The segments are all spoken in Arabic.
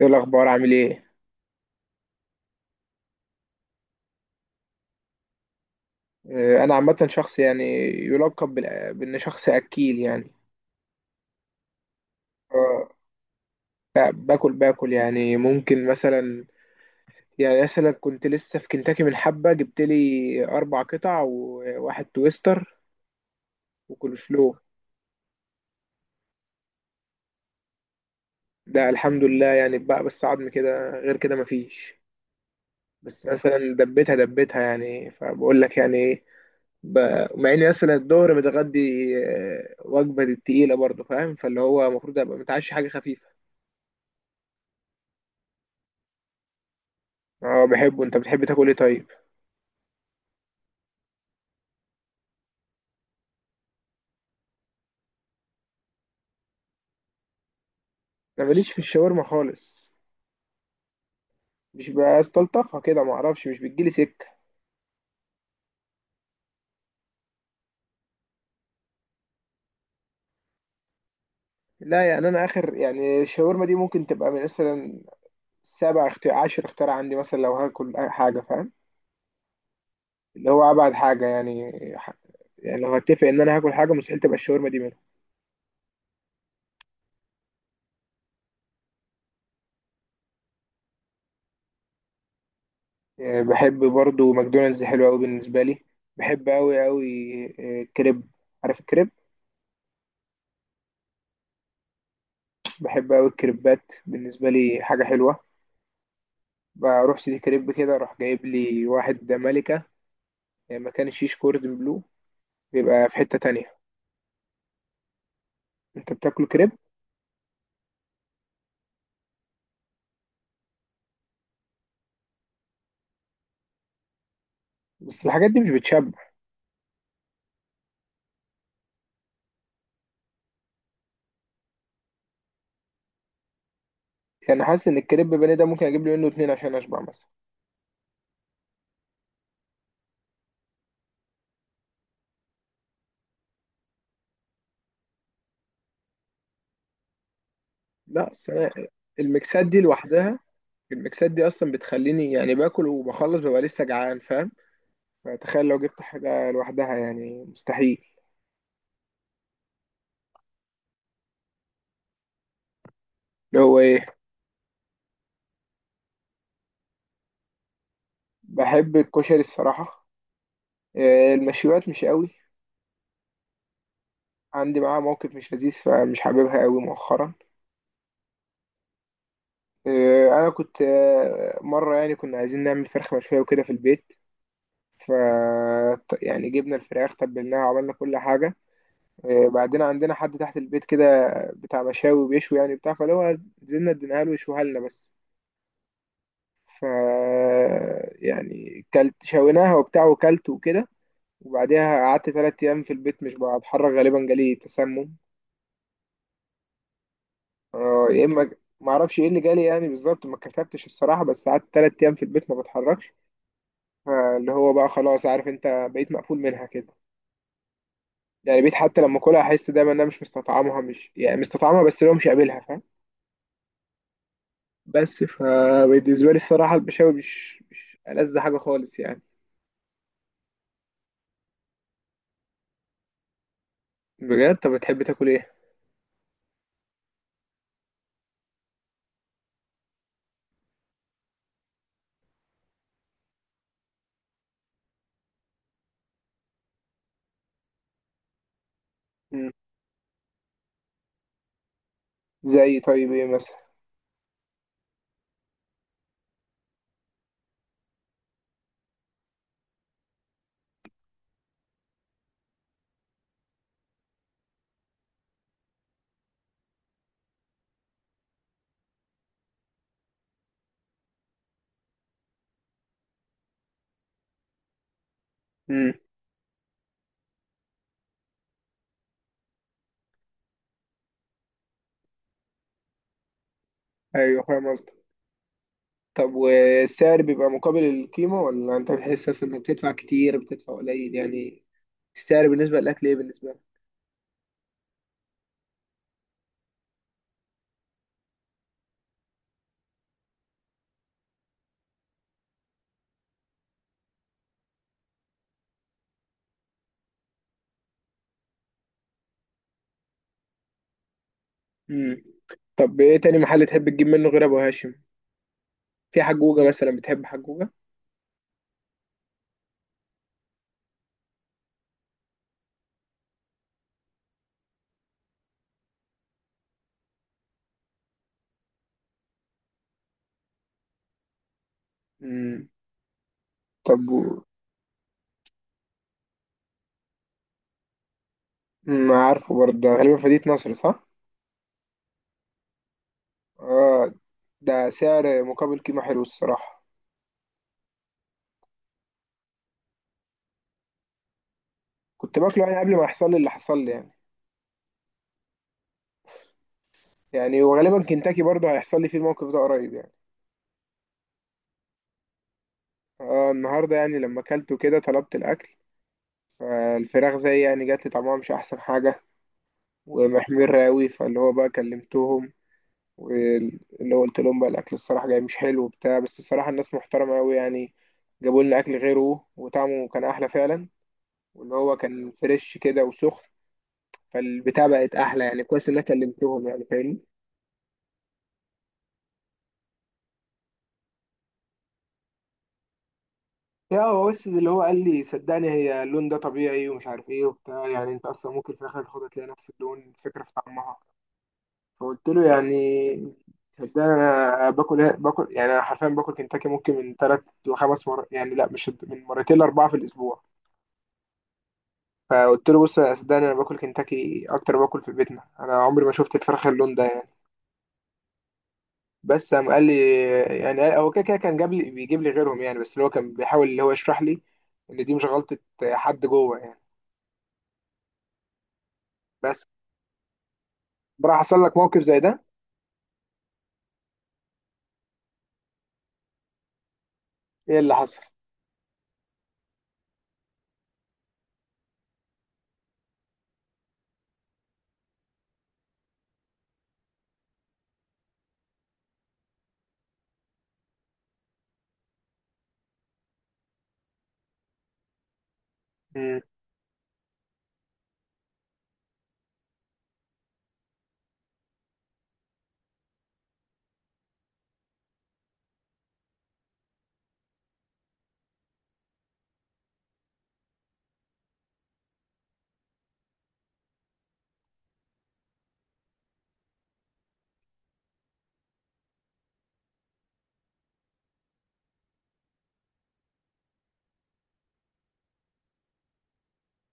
ايه الاخبار، عامل ايه؟ انا عامه شخص يعني يلقب بان شخص اكيل يعني. آه، باكل باكل يعني ممكن مثلا. يعني مثلا كنت لسه في كنتاكي، من حبه جبت لي 4 قطع وواحد تويستر وكول سلو. ده الحمد لله يعني، بقى بس عظم كده، غير كده مفيش. بس مثلا دبيتها دبيتها يعني، فبقول لك يعني ايه، مع اني مثلا الظهر متغدي وجبه تقيله برضه، فاهم؟ فاللي هو المفروض ابقى متعشي حاجه خفيفه. اه بحبه. انت بتحب تاكل ايه طيب؟ انا ماليش في الشاورما خالص. مش بستلطفها كده، ما اعرفش، مش بتجيلي سكه. لا يعني، انا اخر يعني الشاورما دي ممكن تبقى من مثلا 7 اختيار، 10 اختيار عندي مثلا، لو هاكل أي حاجه، فاهم؟ اللي هو ابعد حاجه يعني. ح- يعني لو هتفق ان انا هاكل حاجه، مستحيل تبقى الشاورما دي منهم. بحب برضو ماكدونالدز، حلو قوي بالنسبه لي، بحب قوي قوي. كريب، عارف الكريب؟ بحب قوي الكريبات، بالنسبه لي حاجه حلوه. بروح سيدي كريب كده، اروح جايب لي واحد ملكة، يعني مكان الشيش، كوردن بلو. بيبقى في حتة تانية. انت بتاكل كريب؟ بس الحاجات دي مش بتشبع. يعني حاسس ان الكريب بني ده ممكن اجيب لي منه 2 عشان اشبع مثلا. لا بس أنا، المكسات دي لوحدها، المكسات دي اصلا بتخليني يعني باكل وبخلص ببقى لسه جعان، فاهم؟ فتخيل لو جبت حاجة لوحدها، يعني مستحيل. اللي هو ايه؟ بحب الكشري الصراحة. إيه، المشويات مش قوي. عندي معاها موقف مش لذيذ، فمش حاببها قوي مؤخرا. انا كنت، مره يعني كنا عايزين نعمل فرخه مشويه وكده في البيت. ف يعني جبنا الفراخ تبلناها وعملنا كل حاجه. بعدين عندنا حد تحت البيت كده، بتاع مشاوي بيشوي، يعني بتاع فاللي هو، نزلنا اديناها له يشويها لنا بس. ف يعني كلت شويناها وبتاع وكلت وكده، وبعديها قعدت 3 ايام في البيت مش بتحرك، غالبا جالي تسمم. يا اما، ما اعرفش ايه اللي جالي يعني بالظبط، ما كتبتش الصراحه، بس قعدت 3 ايام في البيت ما بتحركش. فاللي هو بقى خلاص، عارف، انت بقيت مقفول منها كده. يعني بقيت حتى لما اكلها احس دايما ان انا مش مستطعمها، مش يعني مستطعمها، بس اللي هو مش قابلها، فاهم؟ بس فبالنسبه لي الصراحه البشاوي مش ألذ حاجه خالص يعني. بجد؟ طب بتحب تاكل ايه؟ مم. زي؟ طيب ايه مثلا؟ امم. ايوه فاهم قصدك. طب والسعر بيبقى مقابل القيمه، ولا انت بتحس أصلاً انك بتدفع كتير بتدفع قليل يعني؟ السعر بالنسبه للاكل ايه بالنسبه لك؟ امم. طب ايه تاني محل تحب تجيب منه غير ابو هاشم؟ في حجوجة مثلا، بتحب حجوجة؟ مم. طب ما عارفه برضه ده غالبا فدية نصر، صح؟ اه. ده سعر مقابل قيمة، حلو الصراحة. كنت باكله يعني قبل ما يحصل لي اللي حصل لي يعني. يعني وغالبا كنتاكي برضه هيحصل لي فيه الموقف ده قريب يعني. اه، النهاردة يعني لما اكلته كده طلبت الأكل، فالفراخ زي يعني جات لي طعمها مش أحسن حاجة، ومحمر راوي، فاللي هو بقى كلمتهم، واللي هو قلت لهم بقى الأكل الصراحة جاي مش حلو وبتاع. بس الصراحة الناس محترمة أوي يعني، جابوا لنا أكل غيره وطعمه كان أحلى فعلا، واللي هو كان فريش كده وسخن. فالبتاع بقت احلى يعني، كويس ان انا كلمتهم يعني، فاهمني؟ يا هو بس اللي هو قال لي صدقني، هي اللون ده طبيعي ومش عارف ايه وبتاع، يعني انت اصلا ممكن في الاخر تاخدها تلاقي نفس اللون، فكره في طعمها. فقلت له يعني صدقني انا باكل إيه؟ باكل يعني، انا حرفيا باكل كنتاكي ممكن من ثلاث لخمس مرات يعني، لا مش، من مرتين لاربعه في الاسبوع. فقلت له بص يا، صدقني انا باكل كنتاكي اكتر ما باكل في بيتنا، انا عمري ما شفت الفراخ اللون ده يعني. بس قام قال لي، يعني هو كده كده كان جاب لي، بيجيب لي غيرهم يعني، بس اللي هو كان بيحاول اللي هو يشرح لي ان دي مش غلطة حد جوه يعني. بس بقى حصل لك موقف زي ده؟ ايه اللي حصل؟ امم.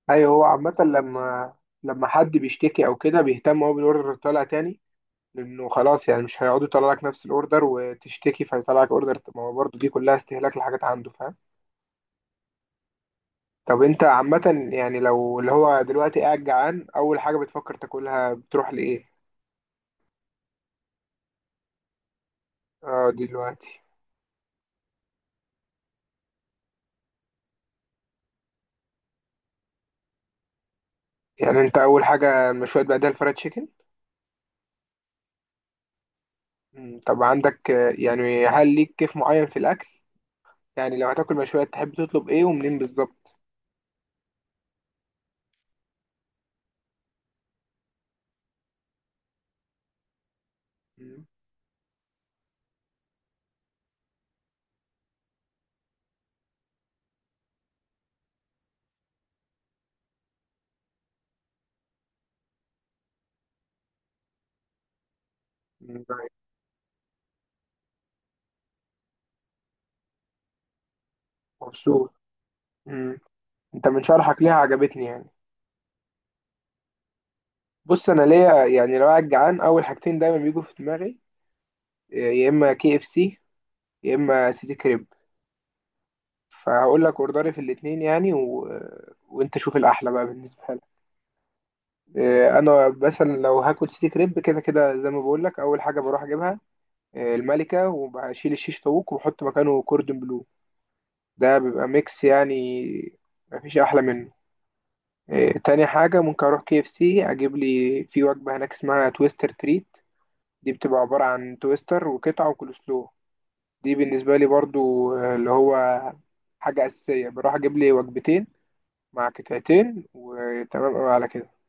ايوه، هو عامة لما حد بيشتكي او كده، بيهتم هو بالاوردر طالع تاني، لانه خلاص يعني مش هيقعدوا يطلع لك نفس الاوردر وتشتكي فيطلع لك اوردر، ما هو برضه دي كلها استهلاك لحاجات عنده، فاهم؟ طب انت عامة يعني لو اللي هو دلوقتي قاعد جعان، اول حاجة بتفكر تاكلها بتروح لايه؟ اه دلوقتي. يعني انت اول حاجه مشويات، بعدها الفرايد تشيكن؟ طب عندك، يعني هل ليك كيف معين في الاكل؟ يعني لو هتاكل مشويات تحب تطلب ايه ومنين بالظبط؟ مم، مم، طيب، مبسوط. مم، انت من شرحك ليها عجبتني يعني. بص انا ليا يعني، لو قاعد جعان اول حاجتين دايما بيجوا في دماغي، يا اما KFC، يا اما سيتي كريب. فهقول لك اوردري في الاتنين يعني وانت شوف الاحلى بقى بالنسبه لك. انا مثلا لو هاكل سيتي كريب، كده كده زي ما بقول لك اول حاجه بروح اجيبها الملكة، وبشيل الشيش طاووق وبحط مكانه كوردون بلو. ده بيبقى ميكس يعني، مفيش أحلى منه. تاني حاجة ممكن أروح KFC أجيب لي في وجبة هناك اسمها تويستر تريت. دي بتبقى عبارة عن تويستر وقطعة وكولسلو. دي بالنسبة لي برضو اللي هو حاجة أساسية، بروح أجيب لي وجبتين مع قطعتين وتمام أوي على كده.